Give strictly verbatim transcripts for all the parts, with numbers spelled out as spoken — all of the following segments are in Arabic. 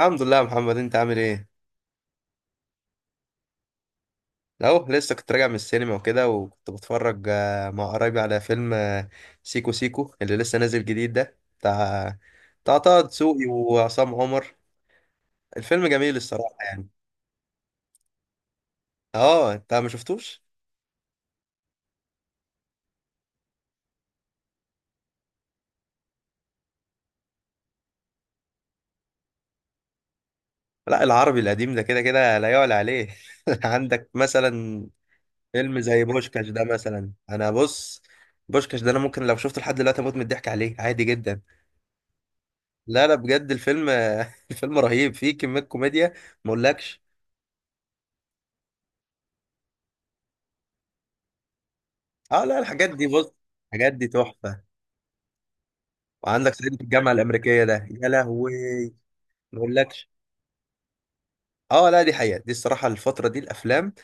الحمد لله يا محمد، انت عامل ايه؟ اهو لسه كنت راجع من السينما وكده، وكنت بتفرج آه، مع قرايبي على فيلم آه، سيكو سيكو اللي لسه نازل جديد ده، بتاع بتاع طه دسوقي وعصام عمر. الفيلم جميل الصراحة يعني. اه انت ما شفتوش؟ لا العربي القديم ده كده كده لا يعلى عليه. عندك مثلا فيلم زي بوشكاش ده مثلا، انا بص بوشكاش ده انا ممكن لو شفته لحد دلوقتي اموت من الضحك عليه عادي جدا. لا لا بجد الفيلم الفيلم رهيب، فيه كمية كوميديا ما اقولكش. اه لا الحاجات دي بص، الحاجات دي تحفه. وعندك صعيدي في الجامعه الامريكيه ده يا لهوي ما اقولكش. اه لا دي حقيقه، دي الصراحه الفتره دي الافلام،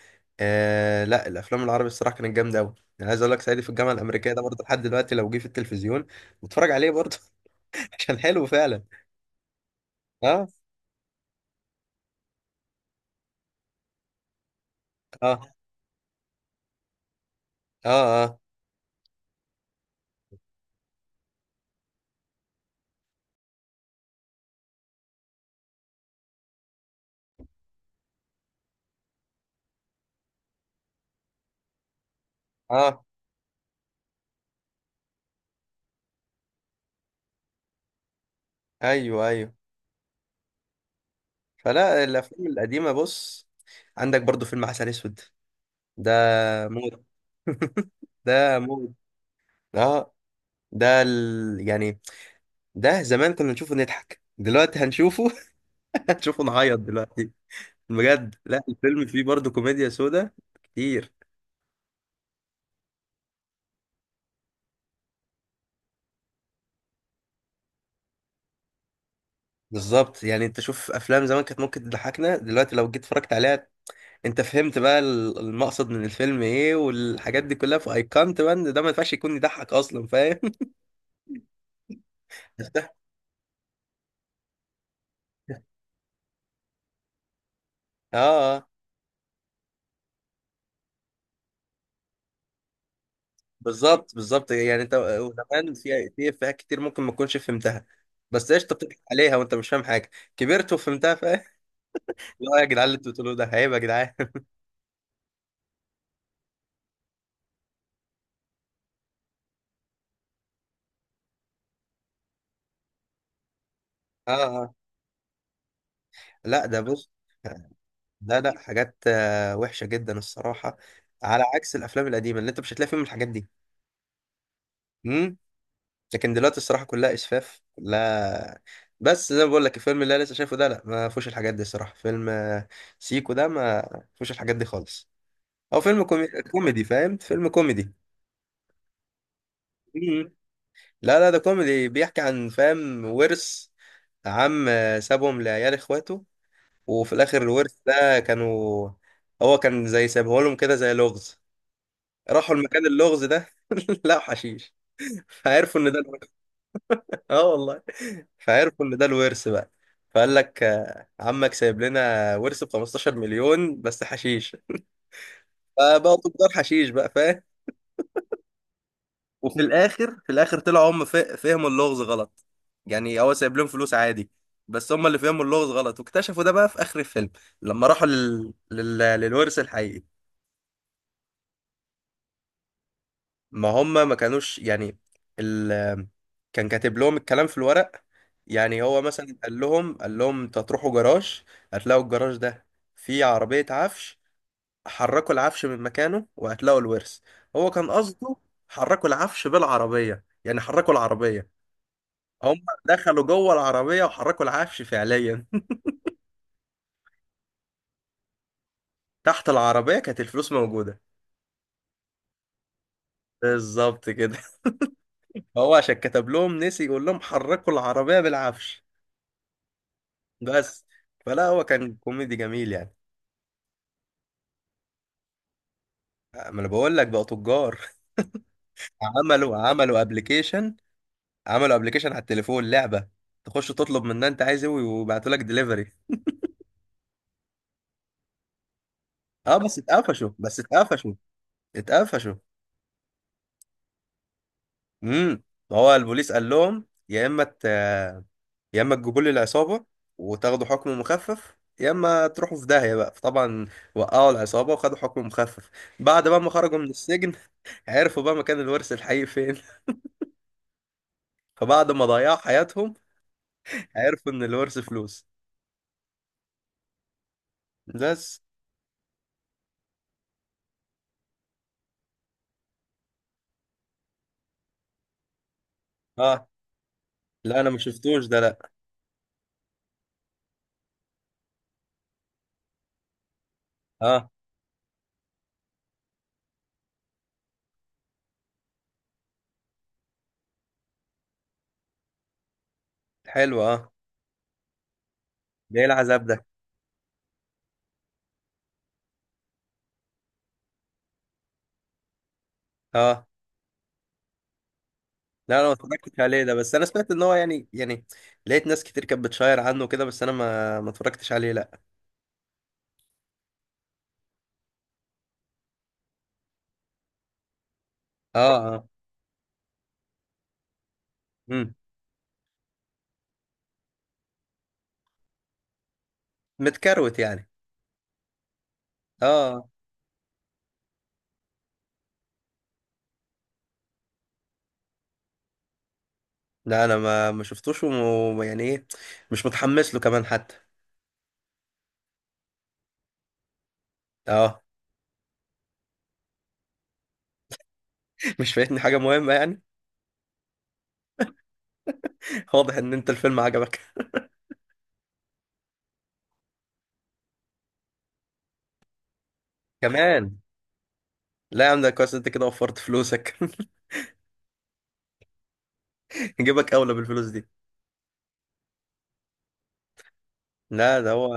آه لا الافلام العربي الصراحه كانت جامده قوي. انا عايز اقول لك صعيدي في الجامعه الامريكيه ده برضه لحد دلوقتي لو جه في التلفزيون بتفرج عليه برضه. عشان حلو فعلا. اه اه اه اه اه. ايوه ايوه، فلا الافلام القديمه بص، عندك برضه فيلم عسل اسود ده موت، ده موت. اه ده ال... يعني ده زمان كنا نشوفه نضحك، دلوقتي هنشوفه هنشوفه نعيط دلوقتي. بجد لا الفيلم فيه برضه كوميديا سودا كتير. بالظبط يعني انت شوف افلام زمان كانت ممكن تضحكنا دلوقتي، لو جيت اتفرجت عليها انت فهمت بقى ال- المقصد من الفيلم ايه، والحاجات دي كلها فايقنت بقى ان ده ما ينفعش يكون يضحك اصلا، فاهم؟ اه آه. بالظبط بالظبط، يعني انت زمان في في افيهات كتير ممكن ما تكونش فهمتها، بس قشطه بتضحك عليها وانت مش فاهم حاجه، كبرت وفهمتها، فاهم؟ لا يا جدعان اللي انتوا بتقولوه ده عيب يا جدعان. اه اه. لا ده بص، لا لا حاجات آه، وحشة جدا الصراحة، على عكس الافلام القديمة اللي انت مش هتلاقي فيهم الحاجات دي. امم. لكن دلوقتي الصراحة كلها اسفاف كلها. بس زي ما بقول لك الفيلم اللي انا لسه شايفه ده لا، ما فيهوش الحاجات دي الصراحة. فيلم آه، سيكو ده ما فيهوش الحاجات دي خالص. او فيلم كومي... كوميدي، فاهم؟ فيلم كوميدي. مم. لا لا ده كوميدي بيحكي عن، فاهم، ورث. عم آه، سابهم لعيال اخواته، وفي الاخر الورث ده كانوا، هو كان زي سايبه لهم كده زي لغز. راحوا المكان اللغز ده لقوا حشيش، فعرفوا ان ده الورث. اه والله. فعرفوا ان ده الورث بقى. فقال لك آه، عمك سايب لنا ورث ب خمسة عشر مليون بس حشيش، فبقوا تجار حشيش بقى فاهم. وفي الاخر، في الاخر طلعوا هم فا- فهموا اللغز غلط. يعني هو سايب لهم فلوس عادي، بس هم اللي فهموا اللغز غلط، واكتشفوا ده بقى في اخر الفيلم لما راحوا لل... لل... للورث الحقيقي. ما هم ما كانوش يعني ال... كان كاتب لهم الكلام في الورق. يعني هو مثلا قال لهم قال لهم انتوا هتروحوا جراج، هتلاقوا الجراج ده فيه عربية عفش، حركوا العفش من مكانه وهتلاقوا الورث. هو كان قصده حركوا العفش بالعربية، يعني حركوا العربية. هم دخلوا جوه العربية وحركوا العفش فعليا. تحت العربية كانت الفلوس موجودة. بالظبط كده. هو عشان كتب لهم نسي يقول لهم حركوا العربية بالعفش، بس. فلا هو كان كوميدي جميل يعني. ما انا بقول لك بقى تجار. عملوا عملوا ابلكيشن، عملوا ابلكيشن على التليفون لعبه، تخش تطلب منها انت عايز ايه ويبعتوا لك دليفري. اه بس اتقفشوا، بس اتقفشوا، اتقفشوا. امم. هو البوليس قال لهم يا اما ت...، يا اما تجيبوا لي العصابه وتاخدوا حكم مخفف، يا اما تروحوا في داهيه بقى. فطبعا وقعوا العصابه وخدوا حكم مخفف. بعد بقى ما خرجوا من السجن عرفوا بقى مكان الورث الحقيقي فين. فبعد ما ضيعوا حياتهم عرفوا ان الورث فلوس، بس. اه لا انا ما شفتوش ده لا. اه حلو اه. ده ايه العذاب ده. اه لا انا ما اتفرجتش عليه ده، بس انا سمعت ان هو يعني يعني، لقيت ناس كتير كانت بتشاير عنه كده، بس انا ما ما اتفرجتش عليه لا. اه اه. امم. متكروت يعني. اه آه. لا انا ما ما شفتوش، وم... يعني ايه، مش متحمس له كمان حتى. اه. مش فايتني حاجه مهمه يعني. واضح ان انت الفيلم عجبك كمان. لا يا عم ده كويس انت كده وفرت فلوسك. جيبك اولى بالفلوس دي. لا ده هو،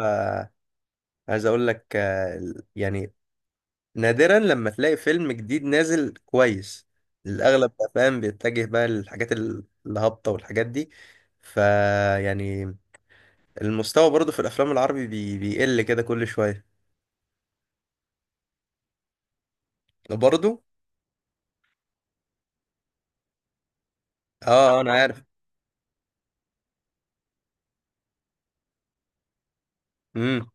عايز اقول لك آه، ال- يعني، نادرا لما تلاقي فيلم جديد نازل كويس. الاغلب بقى فاهم بيتجه بقى للحاجات ال- الهابطه والحاجات دي. فيعني المستوى برضو في الافلام العربي بي... بيقل كده كل شويه. برضو. اه آه، انا عارف. امم.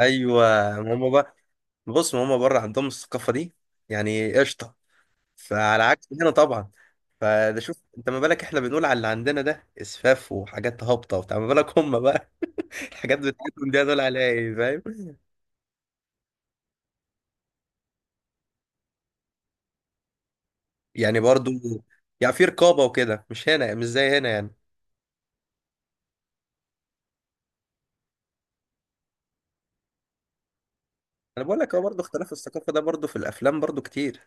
ايوه هما بقى، بص هما بره عندهم الثقافه دي، يعني قشطه، فعلى عكس هنا طبعا. فده شوف انت ما بالك، احنا بنقول على اللي عندنا ده اسفاف وحاجات هابطه وبتاع، ما بالك هم بقى الحاجات بتاعتهم دي هدول عليها ايه، فاهم؟ يعني برضو. يعني في رقابة وكده، مش هنا، مش زي هنا يعني. انا بقول لك هو برضو اختلاف الثقافة ده برضو في الافلام برضو كتير.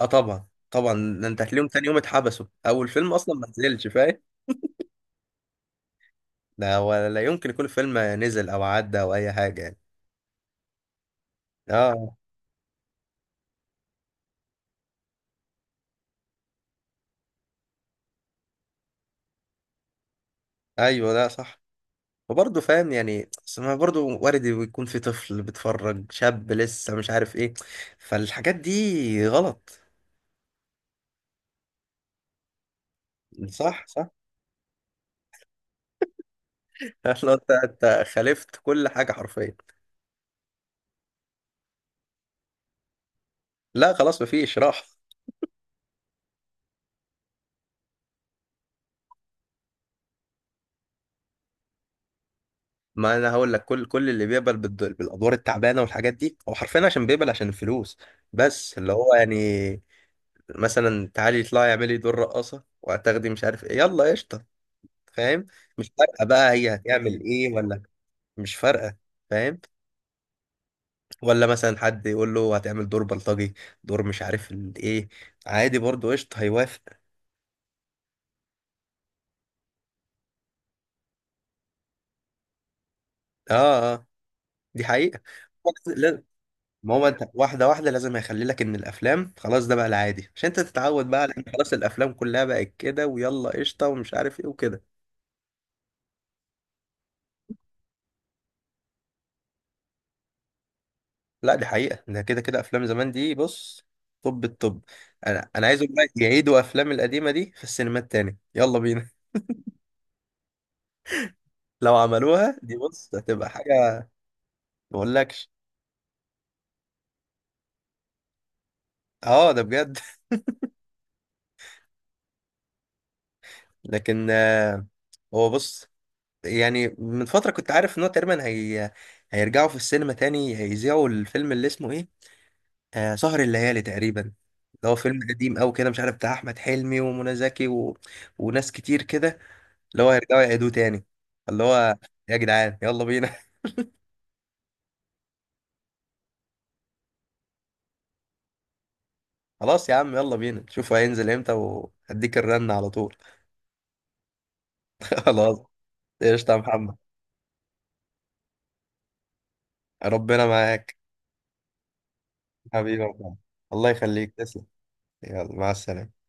اه طبعا طبعا، ده انت هتلاقيهم تاني يوم اتحبسوا او الفيلم اصلا ما نزلش فاهم. ده ولا لا يمكن يكون الفيلم نزل او عدى او اي حاجة يعني. اه ايوه ده صح. وبرضه فاهم يعني أصل ما برضه وارد يكون في طفل بيتفرج، شاب لسه مش عارف ايه، فالحاجات دي غلط. صح صح. لو انت انت خالفت كل حاجه حرفيا. لا خلاص مفيش راح. ما انا هقول لك، كل كل اللي بيقبل بالد- بالادوار التعبانه والحاجات دي هو حرفيا عشان بيقبل عشان الفلوس. بس اللي هو يعني، مثلا تعالي اطلعي اعملي دور رقاصه وهتاخدي مش عارف ايه يلا قشطه، فاهم؟ مش فارقه بقى هي هتعمل ايه ولا. مش فارقه فاهم. ولا مثلا حد يقول له هتعمل دور بلطجي، دور مش عارف ال- ايه، عادي برضه قشطه هيوافق. اه اه، دي حقيقه. ما هو انت واحده واحده لازم هيخلي لك ان الافلام خلاص ده بقى العادي عشان انت تتعود بقى، لان خلاص الافلام كلها بقت كده ويلا قشطه ومش عارف ايه وكده. لا دي حقيقه، ده كده كده افلام زمان دي بص. طب الطب، انا انا عايز اقول لك يعيدوا افلام القديمه دي في السينمات تاني، يلا بينا. لو عملوها دي بص هتبقى حاجه ما اقولكش. اه ده بجد. لكن آه، هو بص، يعني من فتره كنت عارف ان هو تقريبا هي هيرجعوا في السينما تاني هيذيعوا الفيلم اللي اسمه ايه، آه سهر الليالي تقريبا، اللي هو فيلم قديم أوي كده، مش عارف بتاع أحمد حلمي ومنى زكي و... وناس كتير كده، اللي هو يرجعوا يعيدوه تاني. اللي هو يا جدعان يلا بينا. خلاص يا عم يلا بينا، شوفوا هينزل امتى وهديك الرن على طول. خلاص. قشطة يا محمد. ربنا معاك. حبيبي يا محمد. الله يخليك، تسلم. يلا مع السلامة.